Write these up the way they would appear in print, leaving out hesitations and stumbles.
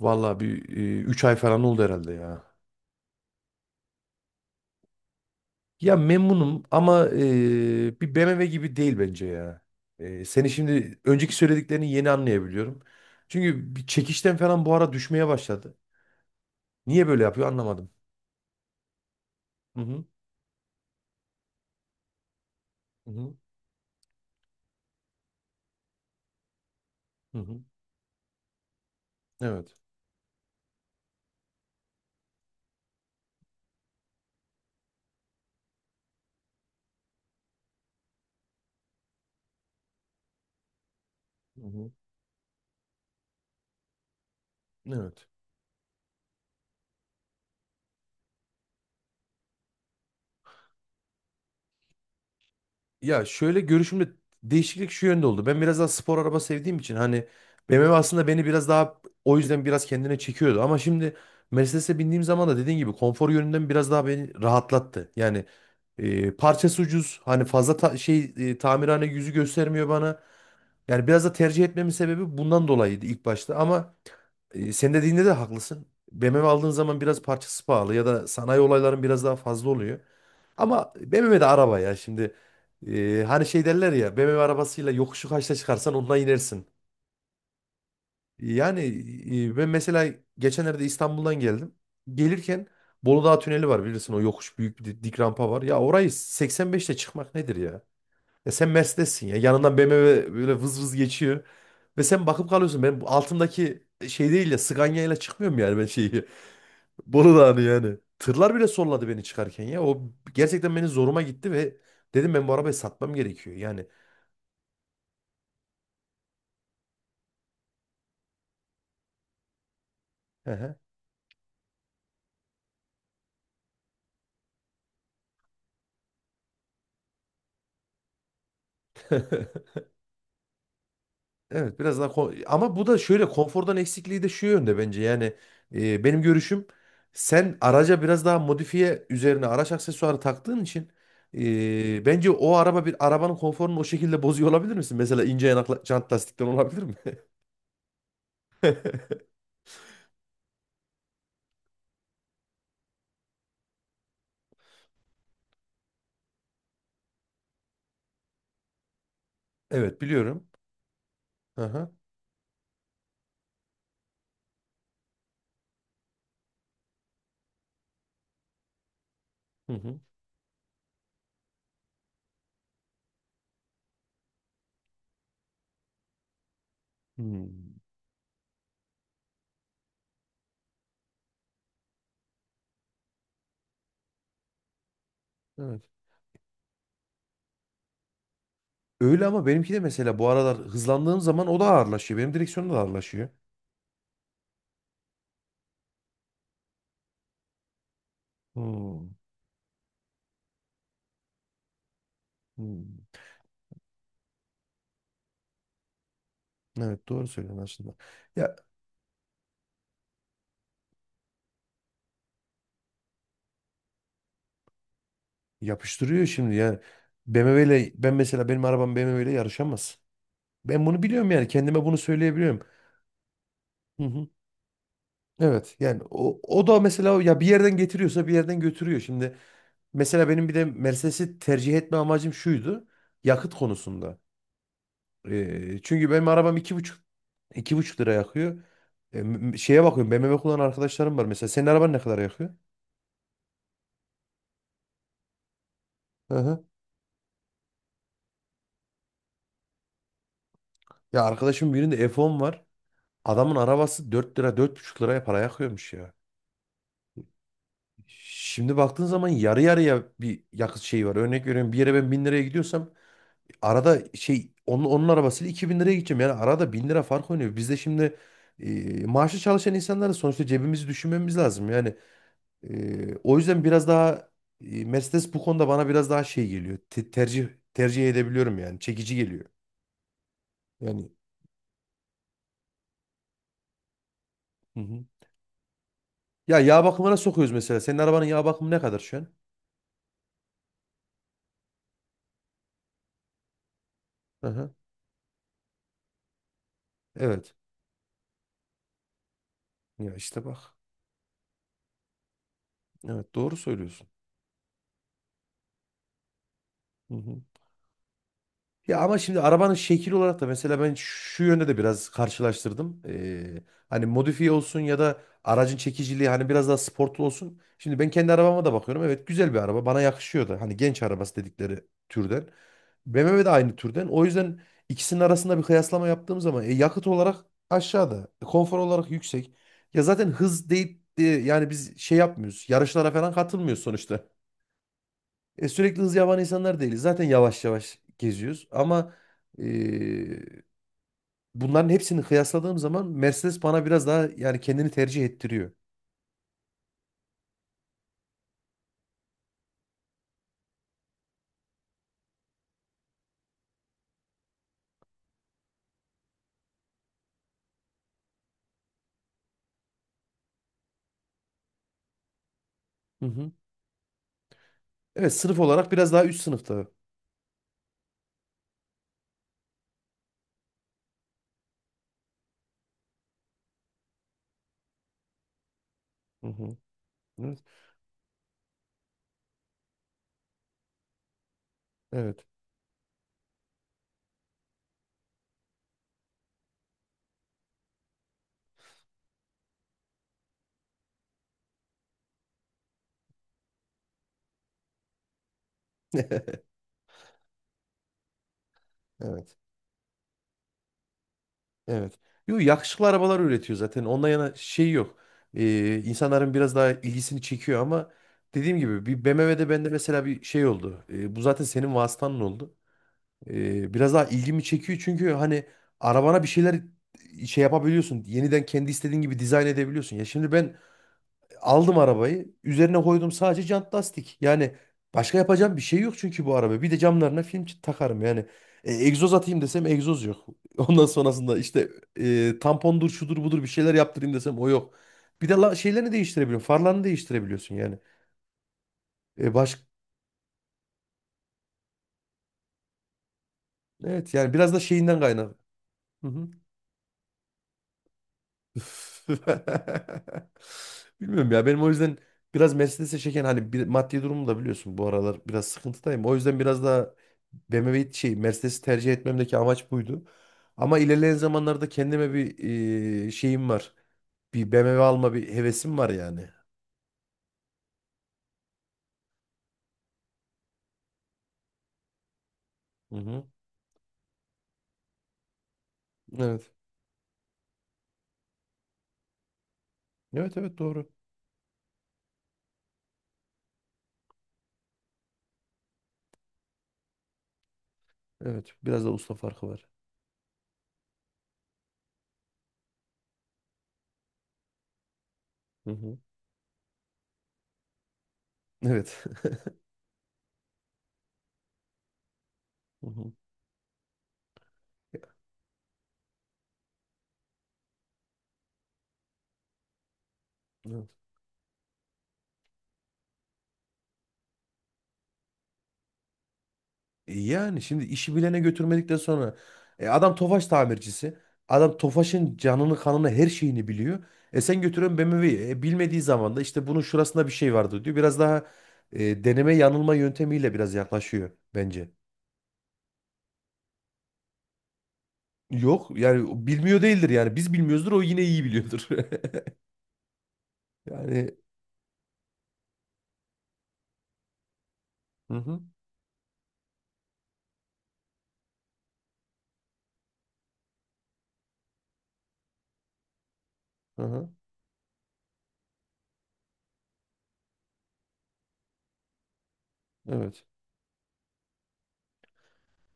Vallahi bir 3 ay falan oldu herhalde ya. Ya memnunum ama bir BMW gibi değil bence ya. Seni şimdi önceki söylediklerini yeni anlayabiliyorum. Çünkü bir çekişten falan bu ara düşmeye başladı. Niye böyle yapıyor anlamadım. Hı hı. Hı hı. Hı hı. Evet. Hı hı. Evet. Ya şöyle görüşümde değişiklik şu yönde oldu. Ben biraz daha spor araba sevdiğim için hani BMW aslında beni biraz daha o yüzden biraz kendine çekiyordu. Ama şimdi Mercedes'e bindiğim zaman da dediğin gibi konfor yönünden biraz daha beni rahatlattı. Yani parçası ucuz, hani fazla tamirhane yüzü göstermiyor bana. Yani biraz da tercih etmemin sebebi bundan dolayıydı ilk başta, ama sen dediğinde de haklısın. BMW aldığın zaman biraz parçası pahalı ya da sanayi olayların biraz daha fazla oluyor. Ama BMW de araba ya şimdi. Hani şey derler ya, BMW arabasıyla yokuşu kaçta çıkarsan ondan inersin. Yani ben mesela geçenlerde İstanbul'dan geldim. Gelirken Bolu Dağı tüneli var bilirsin, o yokuş büyük bir dik rampa var. Ya orayı 85'te çıkmak nedir ya? Ya sen Mercedes'sin, ya yanından BMW böyle vız vız geçiyor. Ve sen bakıp kalıyorsun. Ben bu altındaki şey değil ya, Scania ile çıkmıyorum yani ben şeyi. Bolu Dağı'nı yani. Tırlar bile solladı beni çıkarken ya. O gerçekten beni zoruma gitti ve dedim, ben bu arabayı satmam gerekiyor. Yani Hı hı. Evet, biraz daha ama bu da şöyle, konfordan eksikliği de şu yönde bence. Yani benim görüşüm, sen araca biraz daha modifiye üzerine araç aksesuarı taktığın için bence o araba, bir arabanın konforunu o şekilde bozuyor olabilir misin? Mesela ince yanakla jant lastikten olabilir mi? Evet biliyorum. Aha. Hı hı. Hmm. Evet. Öyle ama benimki de mesela bu aralar hızlandığım zaman o da ağırlaşıyor. Benim direksiyonum da ağırlaşıyor. Hmm, hmm. Evet doğru söylüyorsun aslında. Ya yapıştırıyor şimdi yani. BMW ile ben, mesela benim arabam BMW ile yarışamaz. Ben bunu biliyorum, yani kendime bunu söyleyebiliyorum. Hı hı. Evet yani o da mesela ya bir yerden getiriyorsa bir yerden götürüyor. Şimdi mesela benim bir de Mercedes'i tercih etme amacım şuydu. Yakıt konusunda. Çünkü benim arabam iki buçuk lira yakıyor. Şeye bakıyorum, BMW kullanan arkadaşlarım var. Mesela senin araban ne kadar yakıyor? Hı hı. Ya arkadaşımın birinde F10 var. Adamın arabası 4 lira, dört buçuk liraya para yakıyormuş ya. Şimdi baktığın zaman yarı yarıya bir yakıt şeyi var. Örnek veriyorum, bir yere ben 1000 liraya gidiyorsam, arada şey, onun arabasıyla 2000 liraya gideceğim. Yani arada 1000 lira fark oynuyor. Biz de şimdi maaşlı çalışan insanlarız. Sonuçta cebimizi düşünmemiz lazım. Yani o yüzden biraz daha Mercedes bu konuda bana biraz daha şey geliyor. Tercih edebiliyorum yani. Çekici geliyor. Yani hı hı. Ya yağ bakımına sokuyoruz mesela. Senin arabanın yağ bakımı ne kadar şu an? Aha, evet. Ya işte bak. Evet doğru söylüyorsun. Hı hı. Ya ama şimdi arabanın şekil olarak da mesela ben şu yönde de biraz karşılaştırdım. Hani modifiye olsun ya da aracın çekiciliği hani biraz daha sportlu olsun. Şimdi ben kendi arabama da bakıyorum. Evet, güzel bir araba. Bana yakışıyor da. Hani genç arabası dedikleri türden. BMW de aynı türden. O yüzden ikisinin arasında bir kıyaslama yaptığım zaman yakıt olarak aşağıda, konfor olarak yüksek. Ya zaten hız değil de yani biz şey yapmıyoruz. Yarışlara falan katılmıyoruz sonuçta. Sürekli hız yapan insanlar değiliz. Zaten yavaş yavaş geziyoruz. Ama e, bunların hepsini kıyasladığım zaman Mercedes bana biraz daha, yani kendini tercih ettiriyor. Hı hı. Evet, sınıf olarak biraz daha üst sınıfta. Hı hı. Evet. Evet. Evet. Evet. Yo, yakışıklı arabalar üretiyor zaten. Ondan yana şey yok. İnsanların biraz daha ilgisini çekiyor ama dediğim gibi, bir BMW'de bende mesela bir şey oldu. Bu zaten senin vasıtanın oldu. Biraz daha ilgimi çekiyor çünkü hani arabana bir şeyler şey yapabiliyorsun. Yeniden kendi istediğin gibi dizayn edebiliyorsun. Ya şimdi ben aldım arabayı, üzerine koydum sadece jant lastik. Yani başka yapacağım bir şey yok, çünkü bu araba. Bir de camlarına film takarım yani. Egzoz atayım desem egzoz yok. Ondan sonrasında işte tampondur şudur budur, bir şeyler yaptırayım desem o yok. Bir de şeylerini değiştirebiliyorsun. Farlarını değiştirebiliyorsun yani. E, baş... Evet yani biraz da şeyinden kaynak. Bilmiyorum ya, benim o yüzden biraz Mercedes'e çeken hani bir, maddi durumumu da biliyorsun, bu aralar biraz sıkıntıdayım. O yüzden biraz daha BMW Mercedes'i tercih etmemdeki amaç buydu. Ama ilerleyen zamanlarda kendime bir şeyim var. Bir BMW alma bir hevesim var yani. Hı hı. Evet. Evet evet, doğru. Evet. Biraz da usta farkı var. Hı hı. Evet. Hı hı. Evet. Yani şimdi işi bilene götürmedikten sonra adam Tofaş tamircisi. Adam Tofaş'ın canını kanını her şeyini biliyor. Sen götürün BMW'yi. Bilmediği zaman da işte bunun şurasında bir şey vardı diyor. Biraz daha deneme yanılma yöntemiyle biraz yaklaşıyor bence. Yok, yani o bilmiyor değildir yani. Biz bilmiyoruzdur, o yine iyi biliyordur. Yani hı hı, hı hı, evet.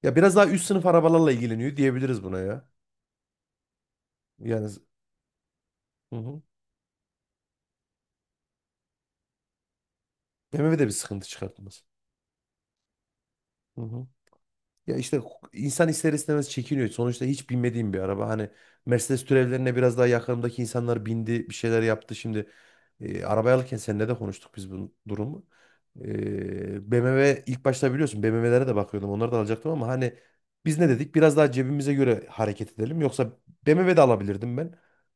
Ya biraz daha üst sınıf arabalarla ilgileniyor diyebiliriz buna ya. Yani hı hı. BMW de bir sıkıntı çıkartmaz. Hı hı. Ya işte insan ister istemez çekiniyor. Sonuçta hiç binmediğim bir araba. Hani Mercedes türevlerine biraz daha yakınımdaki insanlar bindi, bir şeyler yaptı. Şimdi arabayı alırken seninle de konuştuk biz bu durumu. BMW ilk başta, biliyorsun BMW'lere de bakıyordum. Onları da alacaktım ama hani biz ne dedik? Biraz daha cebimize göre hareket edelim. Yoksa BMW de alabilirdim ben.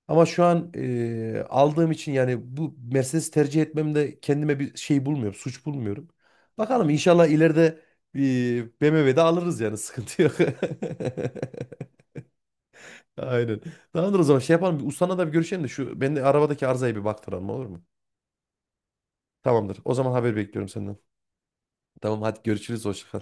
Ama şu an aldığım için yani, bu Mercedes tercih etmemde kendime bir şey bulmuyorum, suç bulmuyorum. Bakalım, inşallah ileride bir BMW'de alırız yani, sıkıntı yok. Aynen. Tamamdır, o zaman şey yapalım. Bir ustana da bir görüşelim de şu ben de arabadaki arızaya bir baktıralım, olur mu? Tamamdır. O zaman haber bekliyorum senden. Tamam, hadi görüşürüz. Hoşça kal.